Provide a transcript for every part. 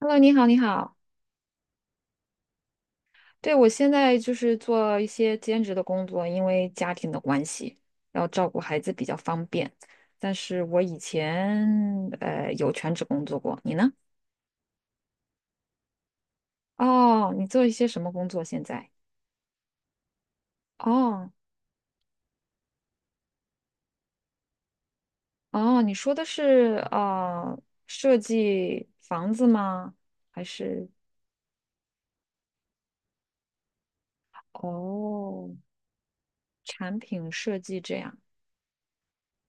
Hello，你好，你好。对，我现在就是做一些兼职的工作，因为家庭的关系，要照顾孩子比较方便。但是我以前有全职工作过，你呢？哦，你做一些什么工作现在？哦哦，你说的是设计房子吗？还是哦产品设计这样？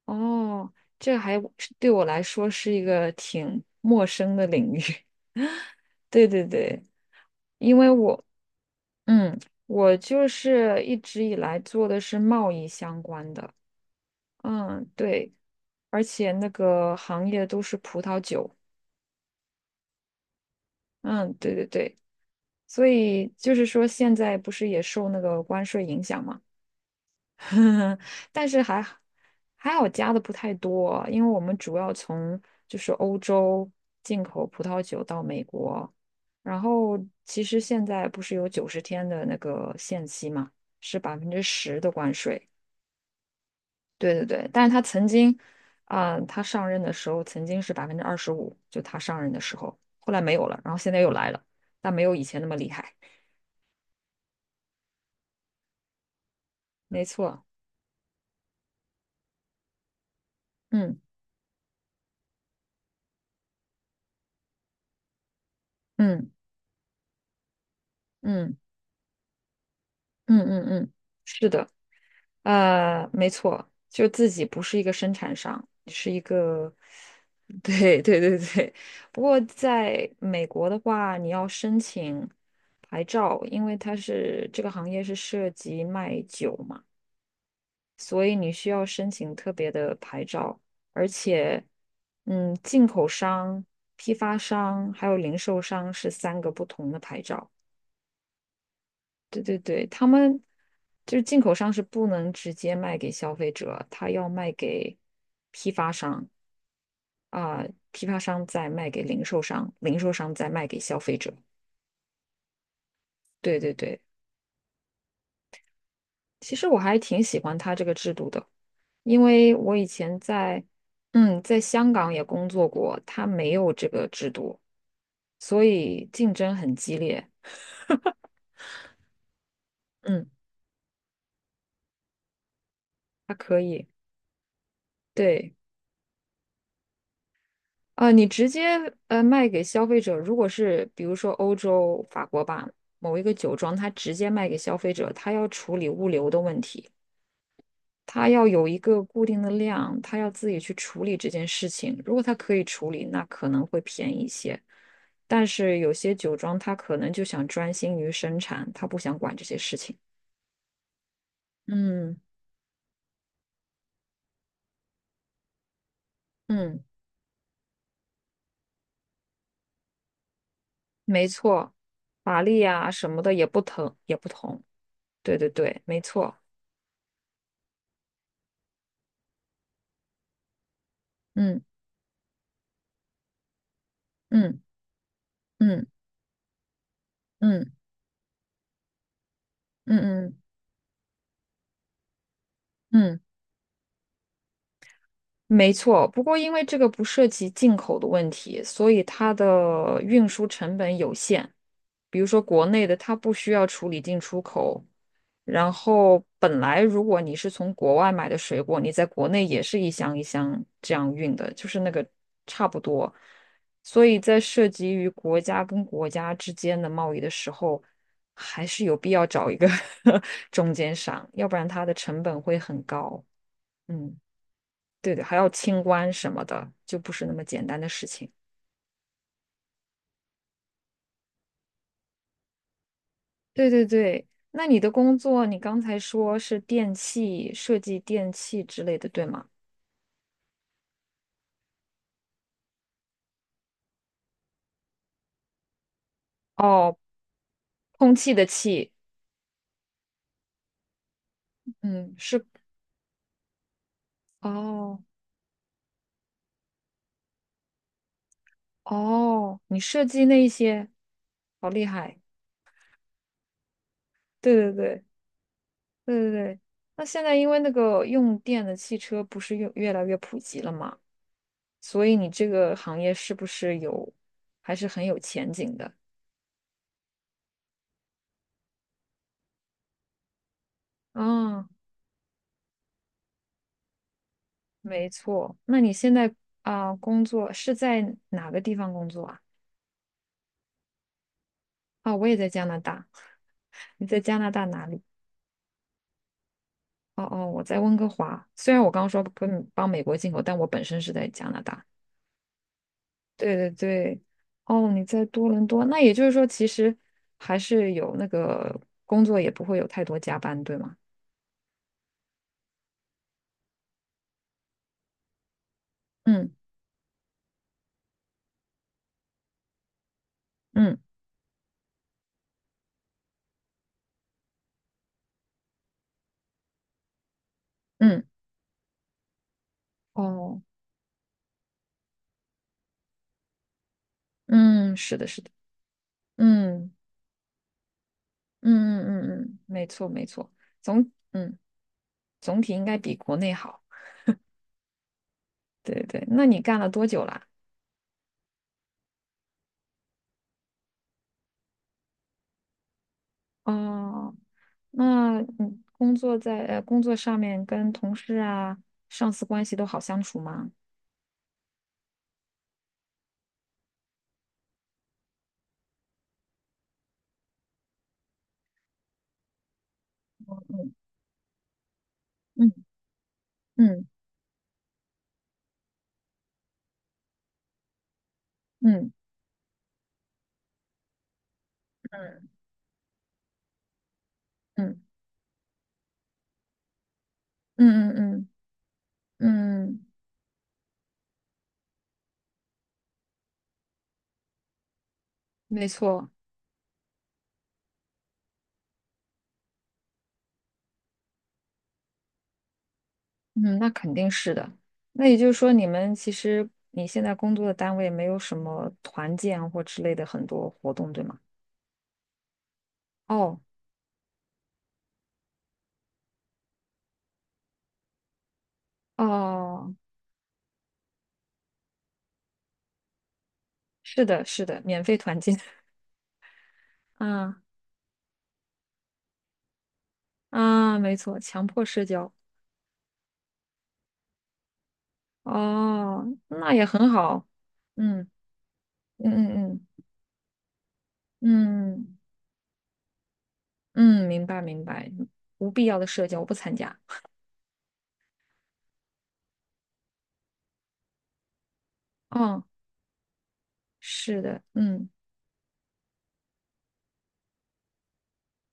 哦，这还对我来说是一个挺陌生的领域。对对对，因为嗯，我就是一直以来做的是贸易相关的，嗯，对，而且那个行业都是葡萄酒，嗯，对对对，所以就是说现在不是也受那个关税影响嘛，但是还好加的不太多，因为我们主要从就是欧洲进口葡萄酒到美国，然后其实现在不是有90天的那个限期嘛，是10%的关税。对对对，但是他曾经，他上任的时候曾经是25%，就他上任的时候，后来没有了，然后现在又来了，但没有以前那么厉害。没错，嗯嗯嗯嗯嗯嗯嗯，是的。没错，就自己不是一个生产商，是一个，对对对对。不过在美国的话，你要申请牌照，因为它是这个行业是涉及卖酒嘛，所以你需要申请特别的牌照，而且，进口商、批发商还有零售商是3个不同的牌照。对对对，他们就是进口商是不能直接卖给消费者，他要卖给批发商啊，批发商再卖给零售商，零售商再卖给消费者。对对对，其实我还挺喜欢他这个制度的，因为我以前在香港也工作过，他没有这个制度，所以竞争很激烈。嗯，它可以，对。啊，你直接卖给消费者，如果是比如说欧洲法国吧，某一个酒庄，它直接卖给消费者，他要处理物流的问题，他要有一个固定的量，他要自己去处理这件事情。如果他可以处理，那可能会便宜一些。但是有些酒庄，他可能就想专心于生产，他不想管这些事情。嗯嗯，没错，法力啊什么的也不疼，也不同。对对对，没错。嗯嗯嗯嗯。嗯嗯嗯，没错。不过因为这个不涉及进口的问题，所以它的运输成本有限。比如说国内的，它不需要处理进出口。然后本来如果你是从国外买的水果，你在国内也是一箱一箱这样运的，就是那个差不多。所以在涉及于国家跟国家之间的贸易的时候，还是有必要找一个 中间商，要不然它的成本会很高。嗯。对对，还要清关什么的，就不是那么简单的事情。对对对，那你的工作，你刚才说是电器设计、电器之类的，对吗？哦，空气的气，嗯，是，哦哦，你设计那一些，好厉害。对对对对对对。那现在因为那个用电的汽车不是越来越普及了嘛，所以你这个行业是不是有，还是很有前景的？啊？没错。那你现在工作是在哪个地方工作啊？我也在加拿大。你在加拿大哪里？哦哦，我在温哥华。虽然我刚刚说跟帮美国进口，但我本身是在加拿大。对对对，哦，你在多伦多，那也就是说，其实还是有那个工作，也不会有太多加班，对吗？嗯嗯嗯，哦，嗯，是的，是的，嗯嗯嗯嗯嗯，嗯没错没错，总嗯总体应该比国内好。对对，那你干了多久啦？哦，那你工作在工作上面跟同事啊、上司关系都好相处吗？嗯嗯嗯嗯嗯嗯嗯嗯嗯，嗯，没错，嗯，那肯定是的。那也就是说，你们其实你现在工作的单位没有什么团建或之类的很多活动，对吗？哦哦，是的，是的，免费团建，啊啊，没错，强迫社交。哦，那也很好。嗯嗯嗯嗯嗯嗯，明白明白。无必要的社交我不参加。哦，是的，嗯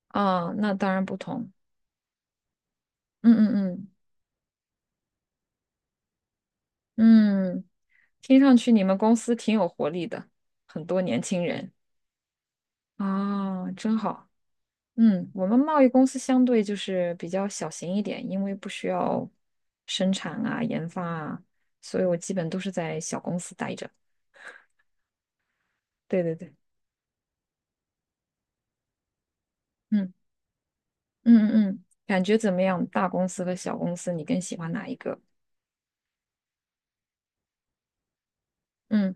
啊，那当然不同。嗯嗯嗯嗯，听上去你们公司挺有活力的，很多年轻人啊，真好。嗯，我们贸易公司相对就是比较小型一点，因为不需要生产啊、研发啊，所以我基本都是在小公司待着。对对对。嗯。嗯嗯嗯，感觉怎么样？大公司和小公司，你更喜欢哪一个？嗯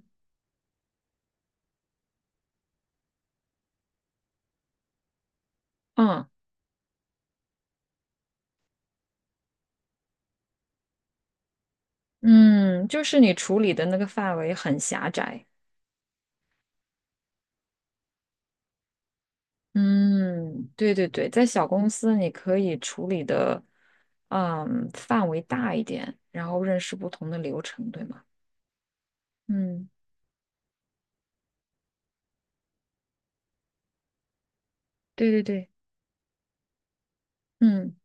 嗯嗯，就是你处理的那个范围很狭窄。嗯，对对对，在小公司你可以处理的，范围大一点，然后认识不同的流程，对吗？嗯，对对对，嗯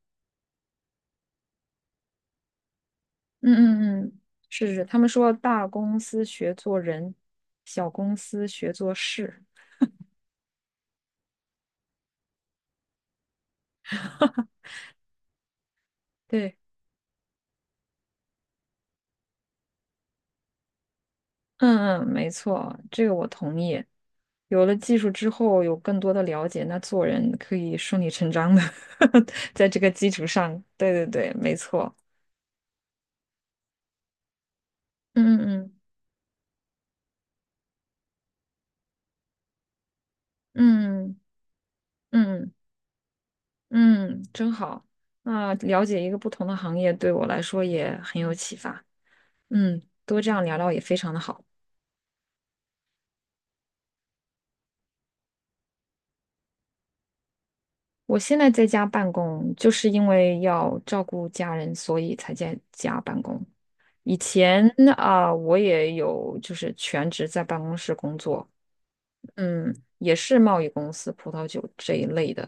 嗯嗯嗯，是是，他们说大公司学做人，小公司学做事。对。嗯嗯，没错，这个我同意。有了技术之后，有更多的了解，那做人可以顺理成章的 在这个基础上。对对对，没错。嗯嗯嗯嗯嗯嗯，真好。那了解一个不同的行业对我来说也很有启发。嗯，多这样聊聊也非常的好。我现在在家办公，就是因为要照顾家人，所以才在家办公。以前啊，我也有就是全职在办公室工作，嗯，也是贸易公司、葡萄酒这一类的。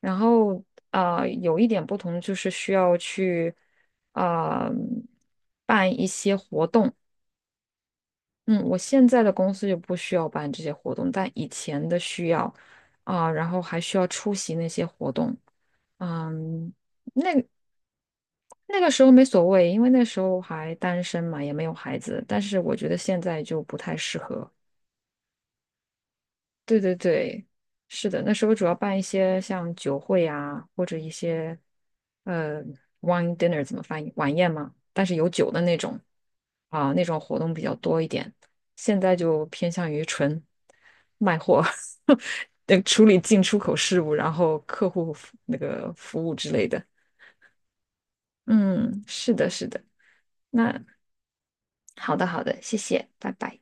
然后啊，有一点不同就是需要去啊办一些活动。嗯，我现在的公司就不需要办这些活动，但以前的需要啊，然后还需要出席那些活动。嗯，那个时候没所谓，因为那时候还单身嘛，也没有孩子。但是我觉得现在就不太适合。对对对，是的，那时候主要办一些像酒会啊，或者一些呃 wine dinner 怎么翻译晚宴嘛，但是有酒的那种啊，那种活动比较多一点。现在就偏向于纯卖货，处理进出口事务，然后客户服那个服务之类的。嗯，是的，是的。那好的，好的，谢谢，拜拜。